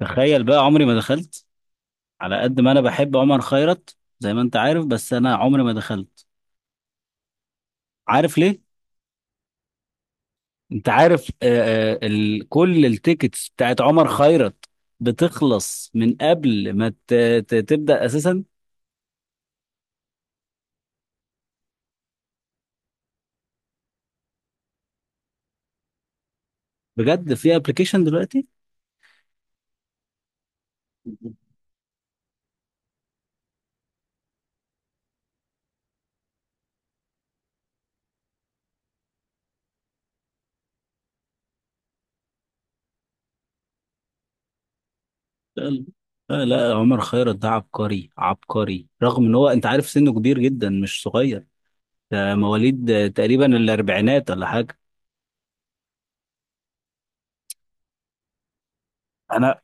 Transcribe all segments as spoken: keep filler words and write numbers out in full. تخيل بقى عمري ما دخلت. على قد ما انا بحب عمر خيرت زي ما انت عارف بس انا عمري ما دخلت. عارف ليه؟ انت عارف آه آه ال كل التيكتس بتاعت عمر خيرت بتخلص من قبل ما ت- ت- تبدأ اساسا. بجد في ابلكيشن دلوقتي؟ لا لا لا، عمر خيرت ده عبقري عبقري، رغم ان هو انت عارف سنه كبير جدا مش صغير. ده مواليد آه، تقريبا الاربعينات ولا حاجة. انا.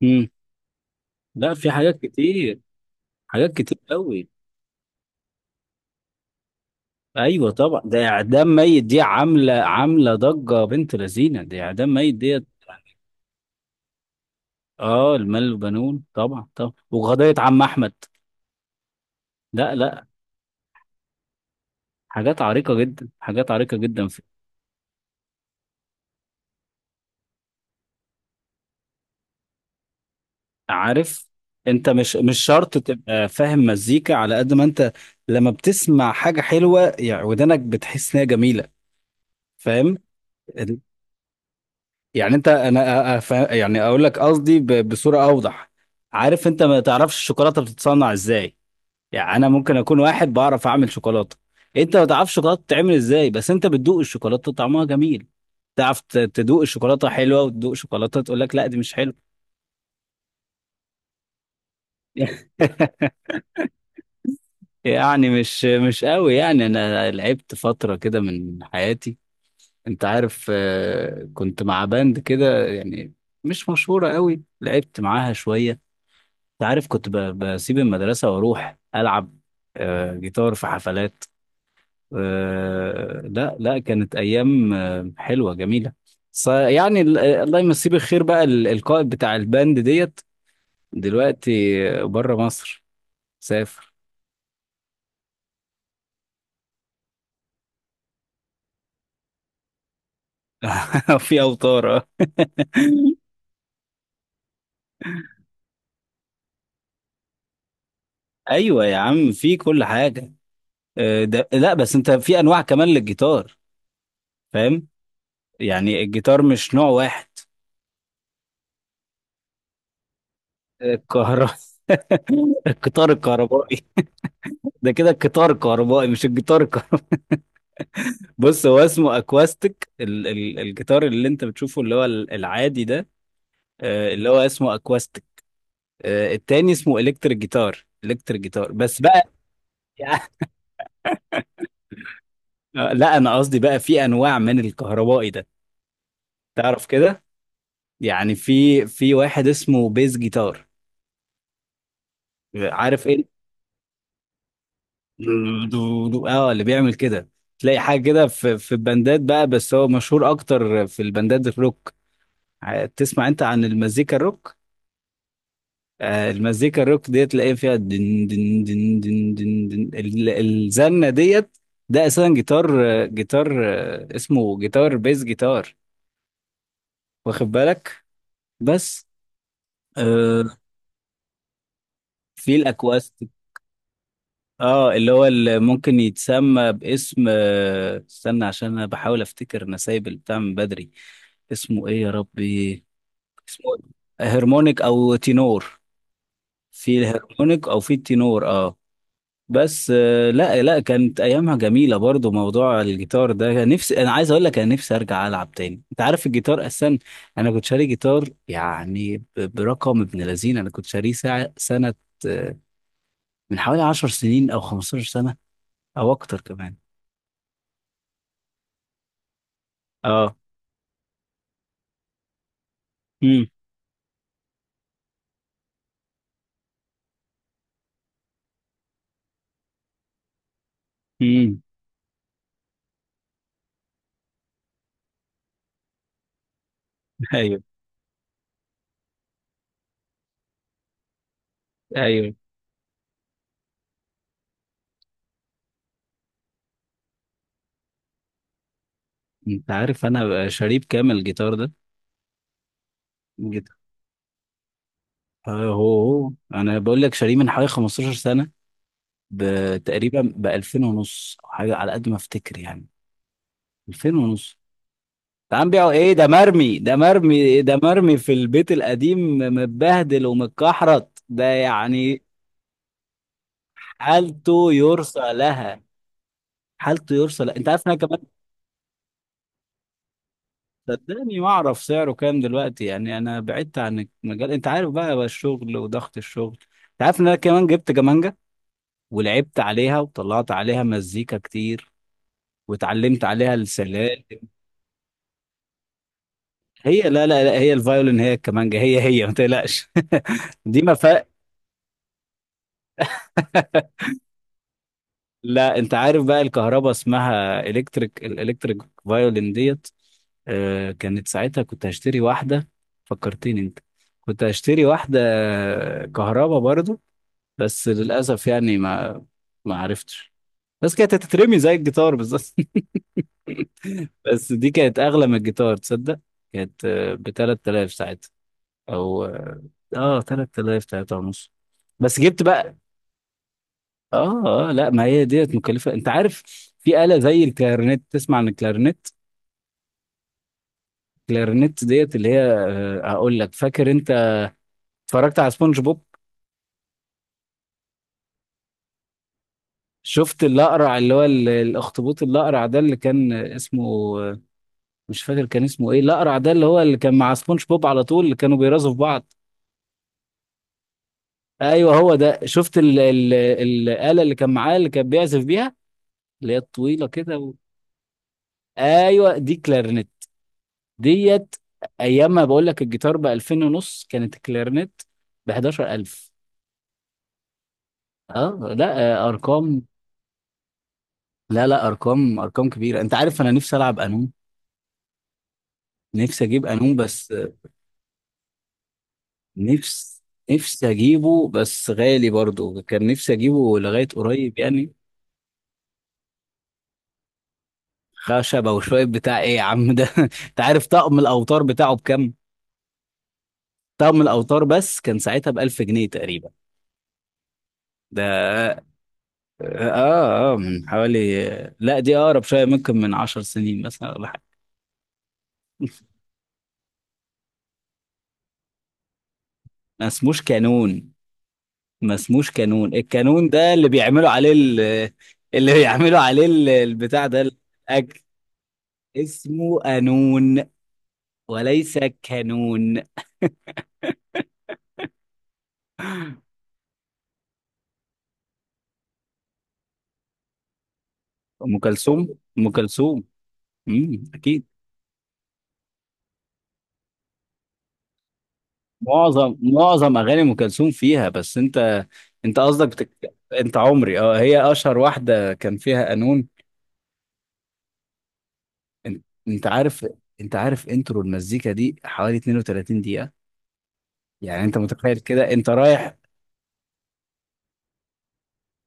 مم. لا، في حاجات كتير، حاجات كتير قوي. ايوه طبعا ده اعدام ميت، دي عامله عامله ضجه بنت لذينه، دي اعدام ميت ديت. اه، المال والبنون طبعا طبعا، وقضيه عم احمد. لا لا، حاجات عريقه جدا، حاجات عريقه جدا في... عارف انت مش مش شرط تبقى فاهم مزيكا على قد ما انت لما بتسمع حاجه حلوه، يعني ودنك بتحس انها جميله. فاهم. ال- يعني انت انا أ- أ- فا- يعني اقول لك قصدي ب- بصوره اوضح. عارف انت ما تعرفش الشوكولاته بتتصنع ازاي؟ يعني انا ممكن اكون واحد بعرف اعمل شوكولاته. انت ما تعرفش شوكولاته بتتعمل ازاي بس انت بتدوق الشوكولاته طعمها جميل. تعرف ت- تدوق الشوكولاته حلوه، وتدوق شوكولاته تقول لك لا دي مش حلوه. يعني مش مش قوي يعني، انا لعبت فتره كده من حياتي. انت عارف آه، كنت مع باند كده يعني، مش مشهوره قوي، لعبت معاها شويه. انت عارف كنت ب- بسيب المدرسه واروح العب آه، جيتار في حفلات. آه، لا لا، كانت ايام آه، حلوه جميله. ص- يعني ال- آه، الله يمسيه بالخير بقى ال- القائد بتاع الباند ديت دلوقتي بره مصر، سافر. في اوتار اه. ايوه يا عم، في كل حاجه. آه، ده لا بس انت في انواع كمان للجيتار. فاهم؟ يعني الجيتار مش نوع واحد. الكهرباء. القطار الكهربائي. ده كده القطار الكهربائي مش الجيتار الكهربائي. بص هو اسمه اكواستيك، ال... ال... الجيتار اللي انت بتشوفه اللي هو ال- العادي ده، آه، اللي هو اسمه اكواستيك. آه، التاني اسمه الكتريك جيتار، الكتريك جيتار بس بقى. آه، لا انا قصدي بقى في انواع من الكهربائي ده. تعرف كده، يعني في في واحد اسمه بيز جيتار. عارف ايه، دو- دو- دو- اه اللي بيعمل كده. تلاقي حاجه كده في في البندات بقى، بس هو مشهور اكتر في البندات الروك. ع- تسمع انت عن المزيكا الروك؟ آه، المزيكا الروك ديت تلاقي فيها دن دن دن دن دن دن ال- الزنة ديت. ده اساسا جيتار، آه، جيتار آه، اسمه جيتار بيز، جيتار. واخد بالك؟ بس. آه، في الاكواستيك، اه اللي هو اللي ممكن يتسمى باسم آه، استنى عشان انا بحاول افتكر، انا سايب البتاع من بدري. اسمه ايه يا ربي؟ اسمه إيه؟ هرمونيك او تينور. في الهرمونيك او في التينور اه. بس آه، لا لا، كانت ايامها جميله برضو. موضوع الجيتار ده كان نفسي، انا عايز اقول لك انا نفسي ارجع العب تاني، انت عارف الجيتار اصلا. انا كنت شاري جيتار يعني ب- برقم ابن لذين، انا كنت شاريه ساعه سنه آه، من حوالي 10 سنين او 15 سنه، او اكتر كمان. اه. امم. امم. ايوه ايوه. انت عارف انا شاريه بكام الجيتار ده؟ الجيتار آه، هو هو انا بقول لك شاريه من حوالي 15 سنه، بتقريبا ب 2000 ونص، او حاجه على قد ما افتكر يعني. 2000 ونص. تعال بيعوا ايه، ده مرمي، ده مرمي، ده مرمي في البيت القديم، متبهدل ومتكحرت ده يعني. حالته يرثى لها، حالته يرثى لها. انت عارف إن انا كمان صدقني ما اعرف سعره كام دلوقتي يعني، انا بعدت عن المجال انت عارف بقى, بقى الشغل وضغط الشغل. انت عارف ان انا كمان جبت كمانجة، ولعبت عليها وطلعت عليها مزيكا كتير، واتعلمت عليها السلال. هي لا لا لا هي الفيولين هي الكمانجة هي هي، ما تقلقش. دي ما فرق. لا انت عارف بقى الكهرباء اسمها الكتريك، الالكتريك فايولين ديت. آه، كانت ساعتها كنت هشتري واحدة، فكرتني انت. كنت هشتري واحدة كهرباء برضو، بس للأسف يعني ما ما عرفتش. بس كانت هتترمي زي الجيتار بالظبط. بس دي كانت أغلى من الجيتار، تصدق؟ كانت ب ثلاثة آلاف ساعتها، أو اه تلات تلاف، 3 ونص. بس جبت بقى. اه اه لا ما هي ديت مكلفه. انت عارف في آلة زي الكلارينيت، تسمع عن الكلارينيت؟ الكلارينيت ديت اللي هي آه، هقول لك، فاكر انت اتفرجت على سبونج بوب؟ شفت الاقرع اللي هو ال- الاخطبوط الاقرع ده اللي كان اسمه آه، مش فاكر كان اسمه ايه، الاقرع ده اللي هو اللي كان مع سبونج بوب على طول اللي كانوا بيرازوا في بعض. ايوه هو ده. شفت ال ال الآلة اللي كان معاه اللي كان بيعزف بيها، اللي هي الطويله كده و... ايوه دي كلارينيت ديت. ايام ما بقول لك الجيتار ب 2000 ونص، كانت الكلارنت ب حداشر الف. اه لا آه، ارقام. لا لا، ارقام ارقام كبيره. انت عارف انا نفسي العب قانون. نفسي اجيب قانون بس آه، نفس نفسي اجيبه، بس غالي برضو، كان نفسي اجيبه لغايه قريب يعني. خشبه وشويه بتاع ايه يا عم ده؟ انت عارف طقم الاوتار بتاعه بكام؟ طقم الاوتار بس كان ساعتها ب ألف جنيه تقريبا. ده اه اه من حوالي، لا دي اقرب شويه، ممكن من عشر سنين مثلا ولا حاجه. ما اسموش كانون، ما اسموش كانون. الكانون ده اللي بيعملوا عليه ال... اللي بيعملوا عليه ال- البتاع ده الاكل. اسمه قانون وليس كانون. ام كلثوم، ام كلثوم. امم، اكيد. معظم معظم اغاني ام كلثوم فيها، بس انت انت قصدك بتك... انت عمري. اه، هي اشهر واحده كان فيها قانون. انت انت عارف انت عارف انترو المزيكا دي حوالي 32 دقيقة. يعني انت متخيل كده انت رايح.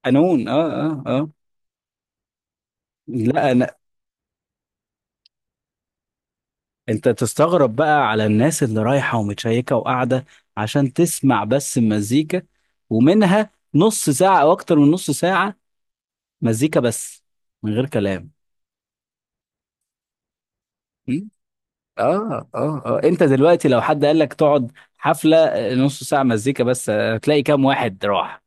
قانون اه. اه اه. لا انا انت تستغرب بقى على الناس اللي رايحة ومتشيكة وقاعدة عشان تسمع بس المزيكا، ومنها نص ساعة او اكتر من نص ساعة مزيكا بس، من غير كلام. م? اه. اه اه انت دلوقتي لو حد قال لك تقعد حفلة آه، نص ساعة مزيكا بس، آه، هتلاقي كام واحد راح.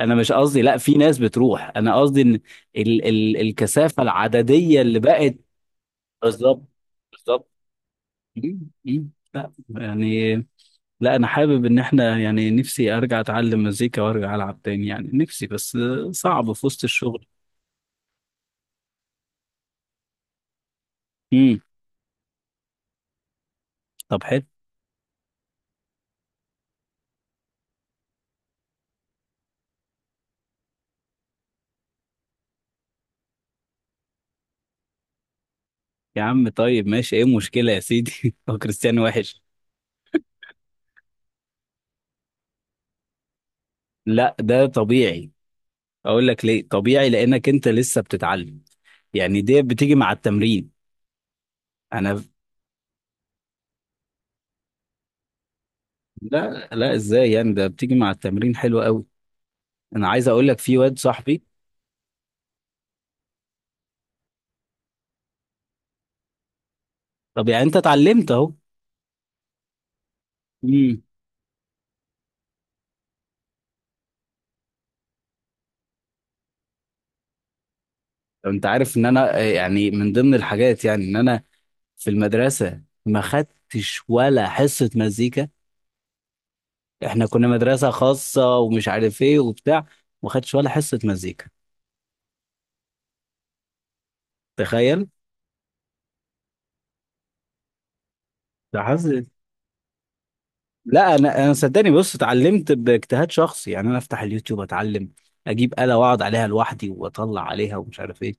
انا مش قصدي لا، في ناس بتروح. انا قصدي ان ال ال الكثافه العدديه اللي بقت. بالظبط، بالظبط. مم، مم. لا يعني، لا انا حابب ان احنا يعني نفسي ارجع اتعلم مزيكا وارجع العب تاني يعني، نفسي بس صعب في وسط الشغل. امم. طب حلو. يا عم طيب ماشي، ايه المشكله يا سيدي؟ هو كريستيانو وحش؟ لا ده طبيعي. اقول لك ليه طبيعي، لانك انت لسه بتتعلم، يعني دي بتيجي مع التمرين. انا. لا لا ازاي يعني؟ ده بتيجي مع التمرين. حلو قوي. انا عايز اقول لك في واد صاحبي. طب يعني انت اتعلمت اهو. امم. انت عارف ان انا آه، يعني من ضمن الحاجات يعني ان انا في المدرسه ما خدتش ولا حصه مزيكا. احنا كنا مدرسه خاصه ومش عارف ايه وبتاع، ما خدتش ولا حصه مزيكا. تخيل. ده حظ. لا انا، انا صدقني بص، اتعلمت باجتهاد شخصي يعني. انا افتح اليوتيوب اتعلم، اجيب آلة واقعد عليها لوحدي واطلع عليها ومش عارف ايه.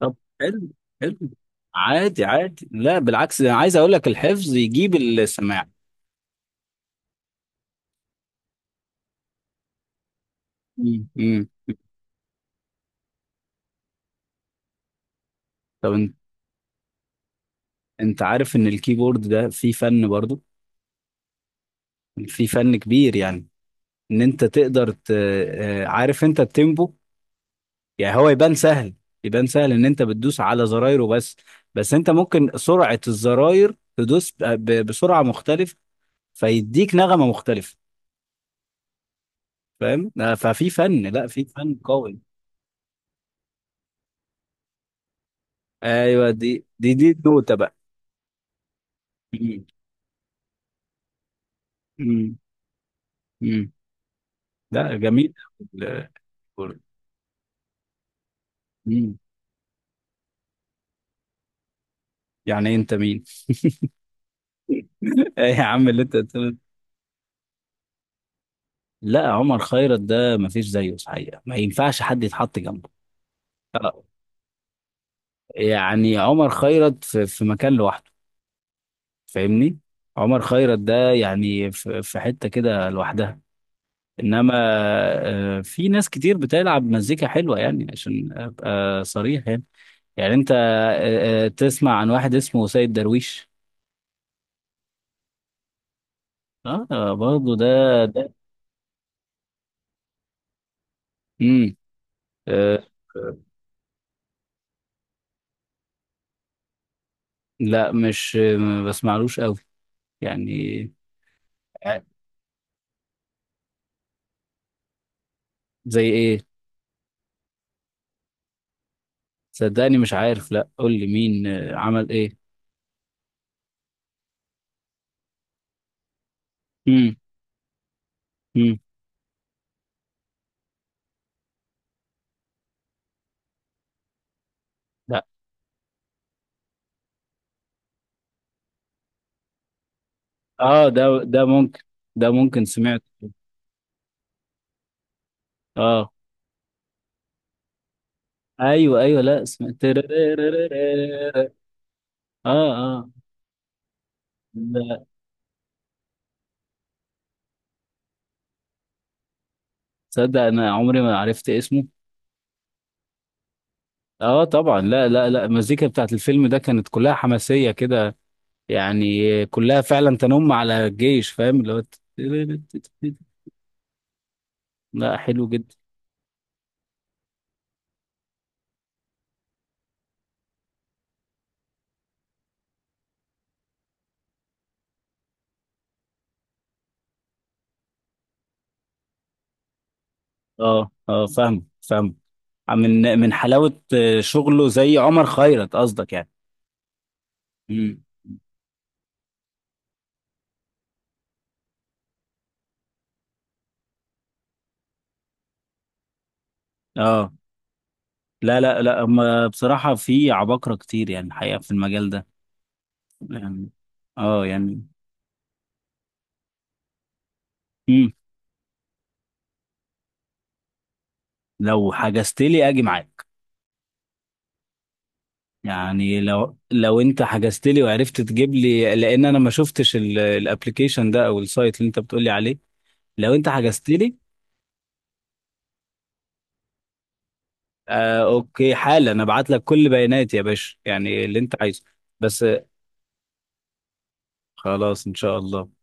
طب حلو، حلو. عادي، عادي، لا بالعكس، ده انا عايز اقول لك الحفظ يجيب السماع. مم. مم. طب انت انت عارف ان الكيبورد ده فيه فن برضو، فيه فن كبير يعني. ان انت تقدر ت... آه، عارف انت التيمبو. يعني هو يبان سهل، يبان سهل ان انت بتدوس على زرايره بس. بس انت ممكن سرعة الزراير تدوس ب... ب- بسرعة مختلفة، فيديك نغمة مختلفة. فاهم؟ آه، ففي فن، لا في فن قوي. ايوه دي دي دي النوتة بقى. مم. مم. مم. لا جميل. ال- مم. يعني انت مين؟ إيه يا عم اللي انت قلت؟ لا، عمر خيرت ده ما فيش زيه الحقيقه، ما ينفعش حد يتحط جنبه. آه. يعني عمر خيرت في, في مكان لوحده. فاهمني؟ عمر خيرت ده يعني في, في حته كده لوحدها. انما آه، في ناس كتير بتلعب مزيكا حلوه يعني، عشان ابقى صريح يعني. يعني انت آه، آه، تسمع عن واحد اسمه سيد درويش؟ اه برضه ده. امم. أه. آه، لا مش ما بسمعلوش قوي يعني. ع- زي ايه؟ صدقني مش عارف، لا قول لي مين آه، عمل ايه. امم. امم. لا اه ده ده ممكن، ده ممكن سمعت. اه ايوه ايوه لا سمعت تررررررررر. اه اه لا، تصدق انا عمري ما عرفت اسمه. اه طبعا، لا لا لا المزيكا بتاعت الفيلم ده كانت كلها حماسيه كده يعني، كلها فعلا تنم على الجيش فاهم اللي هو. لا حلو جدا. اه اه فاهم، فاهم. من من حلاوة آه، شغله زي عمر خيرت قصدك يعني. امم. اه لا لا لا هم بصراحة في عباقرة كتير يعني الحقيقة في المجال ده يعني. اه يعني. امم. لو حجزت لي اجي معاك. يعني لو لو انت حجزت لي وعرفت تجيب لي، لان انا ما شفتش الابلكيشن ده او السايت اللي انت بتقول لي عليه. لو انت حجزت لي. آه اوكي، حالا انا ابعت لك كل بياناتي يا باشا، يعني اللي انت عايزه. بس خلاص إن شاء الله.